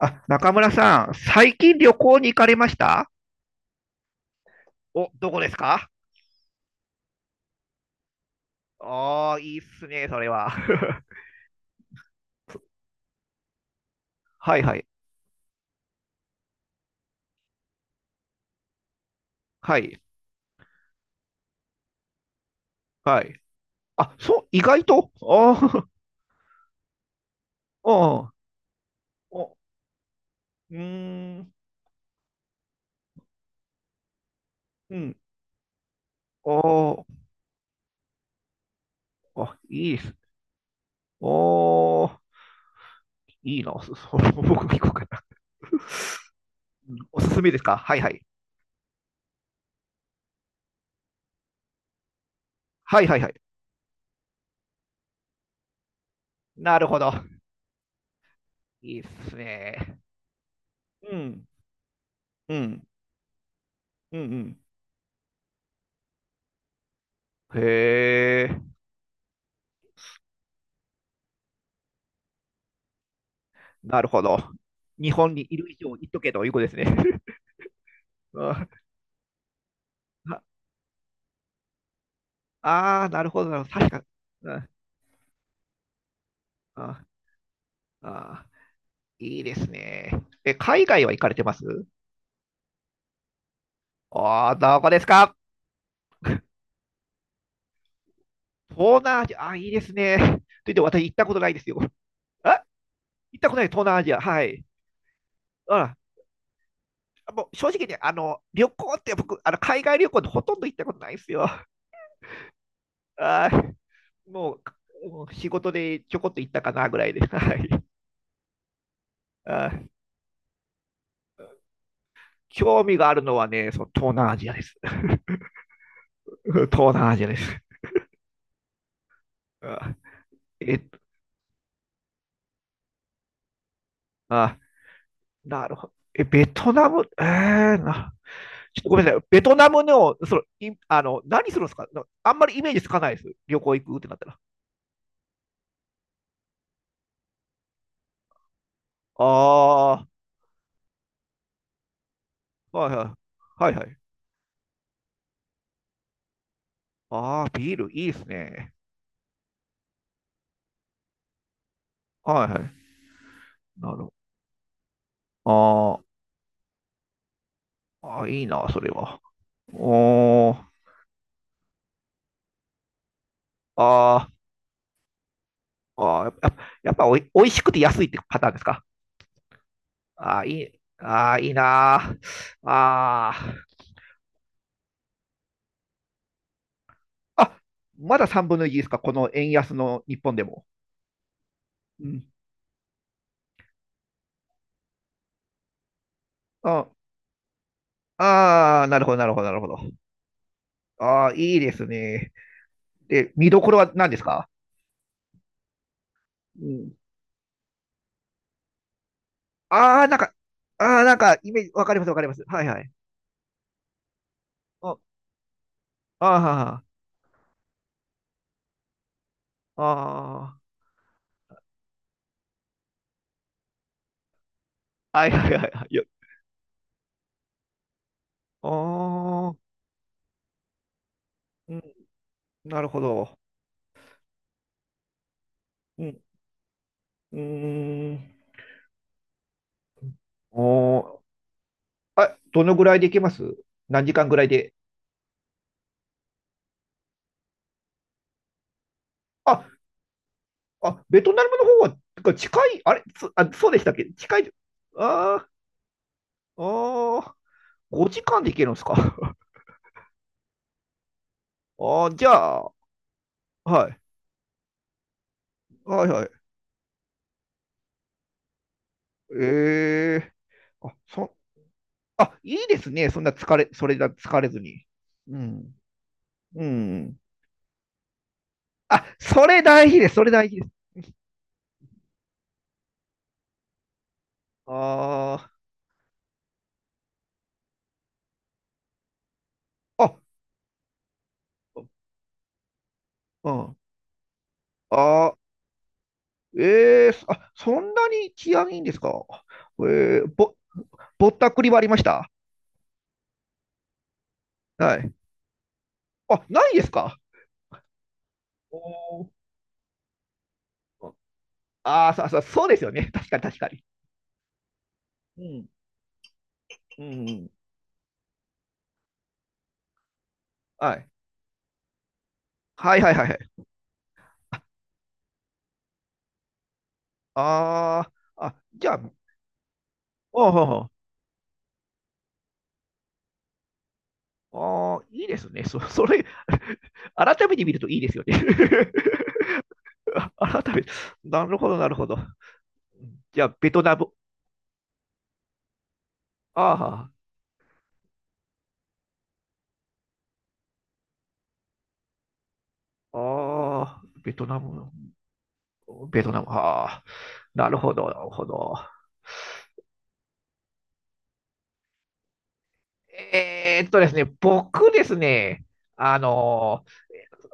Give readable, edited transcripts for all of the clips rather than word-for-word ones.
あ、中村さん、最近旅行に行かれました？お、どこですか？ああー、いいっすね、それは。はいはい。はい。はい。あ、そう、意外とあー、お、うーん、うん。おー、あ、いいっす。おー、いいな。僕も行こうかな。うん、おすすめですか？はいはい。はいはいはい。なるほど。いいっすね。うん、うん、うん、うん。へえ。なるほど。日本にいる以上言っとけということですね。ああー、なるほど、なるほど。確か、うん。ああ、いいですね。え、海外は行かれてます？ああー、どこですか？東南アジア、あ、いいですね。と言って私行ったことないですよ。あ、行ったことない、東南アジア。はい。あ、もう正直ね、旅行って僕、海外旅行でほとんど行ったことないですよ。あー、ももう仕事でちょこっと行ったかなぐらいで。はい。あ、興味があるのはね、その東南アジアです。東南アジアです。あえ、あ、なるほど。え、ベトナム、ー、な、ちょっとごめんなさい。ベトナムの、その、いあの、何するんですか？あんまりイメージつかないです。旅行行くってなったら。ああ、はいはい。はいはい。ああ、ビールいいですね。はいはい。なるほど。あー、あー、いいな、それは。おー、あー、あー、やっぱおいしくて安いってパターンですか？あいい、あ、いいなあ。ああ、あ、まだ3分の1ですか、この円安の日本でも。うん。ああー、なるほど、なるほど、なるほど。ああ、いいですね。で、見どころは何ですか？うん。ああ、なんか、ああ、なんか、イメージ、わかります、わかります。はいはい。ああー、ああ、はいはいはいはい。よああ、うん、なるほど。うん、うーん。おー、あ、どのぐらいで行けます？何時間ぐらいで？ああ、ベトナムの方は、てか近い、あれ、そうでしたっけ、近い？あー、あー、5時間で行けるんですか。あー、じゃあ、はい、はいはい。えー、あ、あ、いいですね。そんな疲れ、それだ、疲れずに。うん、うん。あ、それ大事です。それ大事です。あー、あ、うん。あー、あ、そんなに治安いいんですか？えー、ぼ、ぼったくりはありました？はい。あ、ないですか。おー、ああ、そうそうそうですよね。確かに確かに。うん。うんうん。はい。はいはいはいはい。ああ、あ、じゃあ、おうほうほう、あー、いいですね。それ、改めて見るといいですよね。改めて、なるほど、なるほど。じゃあ、ベトナム。ああ、ああ、ベトナム、ベトナム。ああ、なるほど、なるほど。ですね、僕ですね、あの、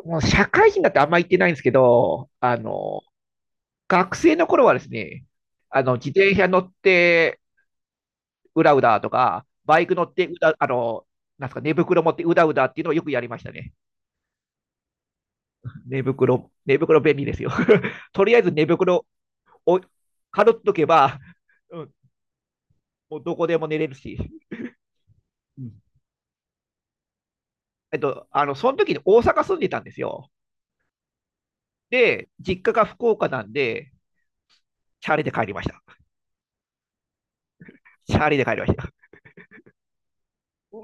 もう社会人だってあんま行ってないんですけど、学生の頃はですね、自転車乗ってうだうだとか、バイク乗ってうだ、あの、なんすか、寝袋持ってうだうだっていうのをよくやりましたね。寝袋、寝袋便利ですよ。とりあえず寝袋をかぶっとけば、うん、もうどこでも寝れるし。うん、えっと、その時に大阪住んでたんですよ。で、実家が福岡なんで、チャリで帰りました。チャリで帰りました。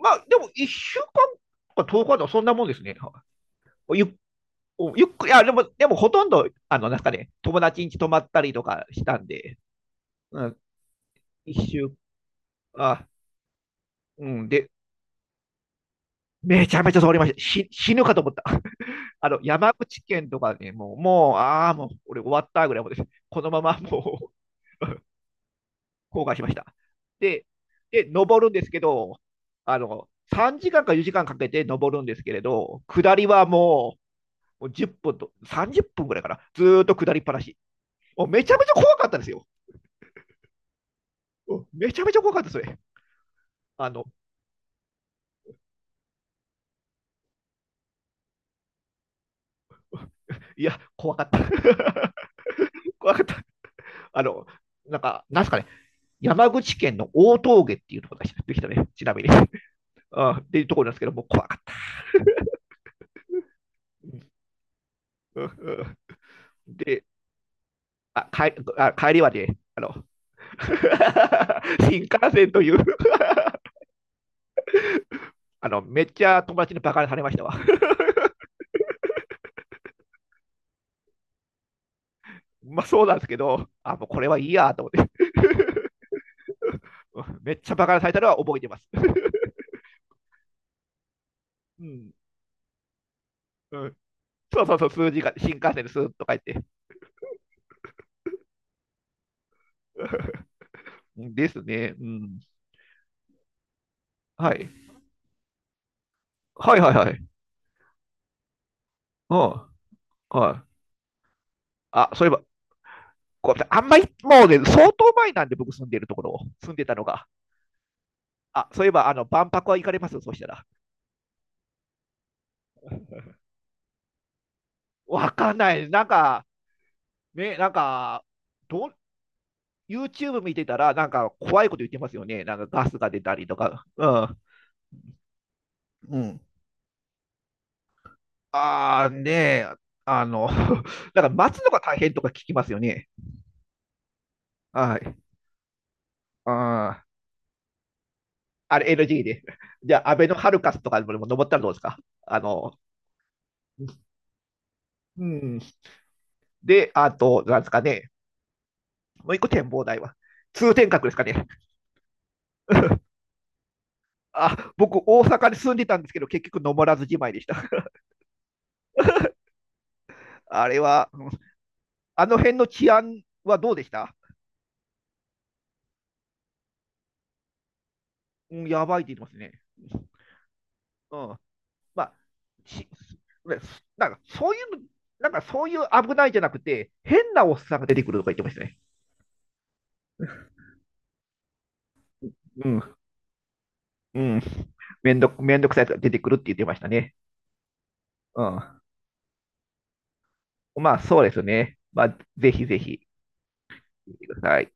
まあ、でも1週間か遠く日とおかではそんなもんですね。ゆゆっくり、いやでも、でもほとんど、あの、なんかね、友達ん家泊まったりとかしたんで、うん、一週、あ、うん、で、めちゃめちゃ通りました。死ぬかと思った。あの、山口県とかね、もう、ああ、もう、俺終わったぐらいもです。このままもう、後悔しました。で、で、登るんですけど、あの、3時間か4時間かんかけて登るんですけれど、下りはも、もう10分と30分ぐらいかな、ずーっと下りっぱなし。もうめちゃめちゃ怖かったんですよ。めちゃめちゃ怖かったですね。あの、いや、怖かった。怖かった。あの、なんか、なんすかね、山口県の大峠っていうところができたね、ちなみに。あっていうところなんですけど、もう怖かった。で、帰りはね、あの、 新幹線という、あの、めっちゃ友達にバカにされましたわ。まあそうなんですけど、あ、もうこれはいいやと思って。めっちゃバカなタイトルは覚えてます。うん、うん、そうそうそう、数字が新幹線でスーッと書いて。 ですね、うん。はい。はいはいはい。うん。はい。あ、そういえば、あんまり、もうね、相当前なんで、僕住んでるところ、住んでたのが。あ、そういえば、あの、万博は行かれます、そうしたら？わかんない。なんか、ね、なんか、どう、YouTube 見てたら、なんか怖いこと言ってますよね。なんかガスが出たりとか。うん。うん、ああ、ねえ、あの、だから待つのが大変とか聞きますよね。はい。あーあれ NG で。じゃあ、アベノハルカスとかでも登ったらどうですか？あの、うん。で、あと、なんですかね。もう一個展望台は。通天閣ですかね。あ、僕、大阪に住んでたんですけど、結局登らずじまいでした。あれは、うん、あの辺の治安はどうでした？うん、やばいって言いますね。うん。まあ、しねなんかそういうの、なんかそういう、危ないじゃなくて、変なおっさんが出てくるとか言ってましたね。うん、うん、めんどくさいやつが出てくるって言ってましたね。うん、まあ、そうですね。まあ、ぜひぜひ、見てください。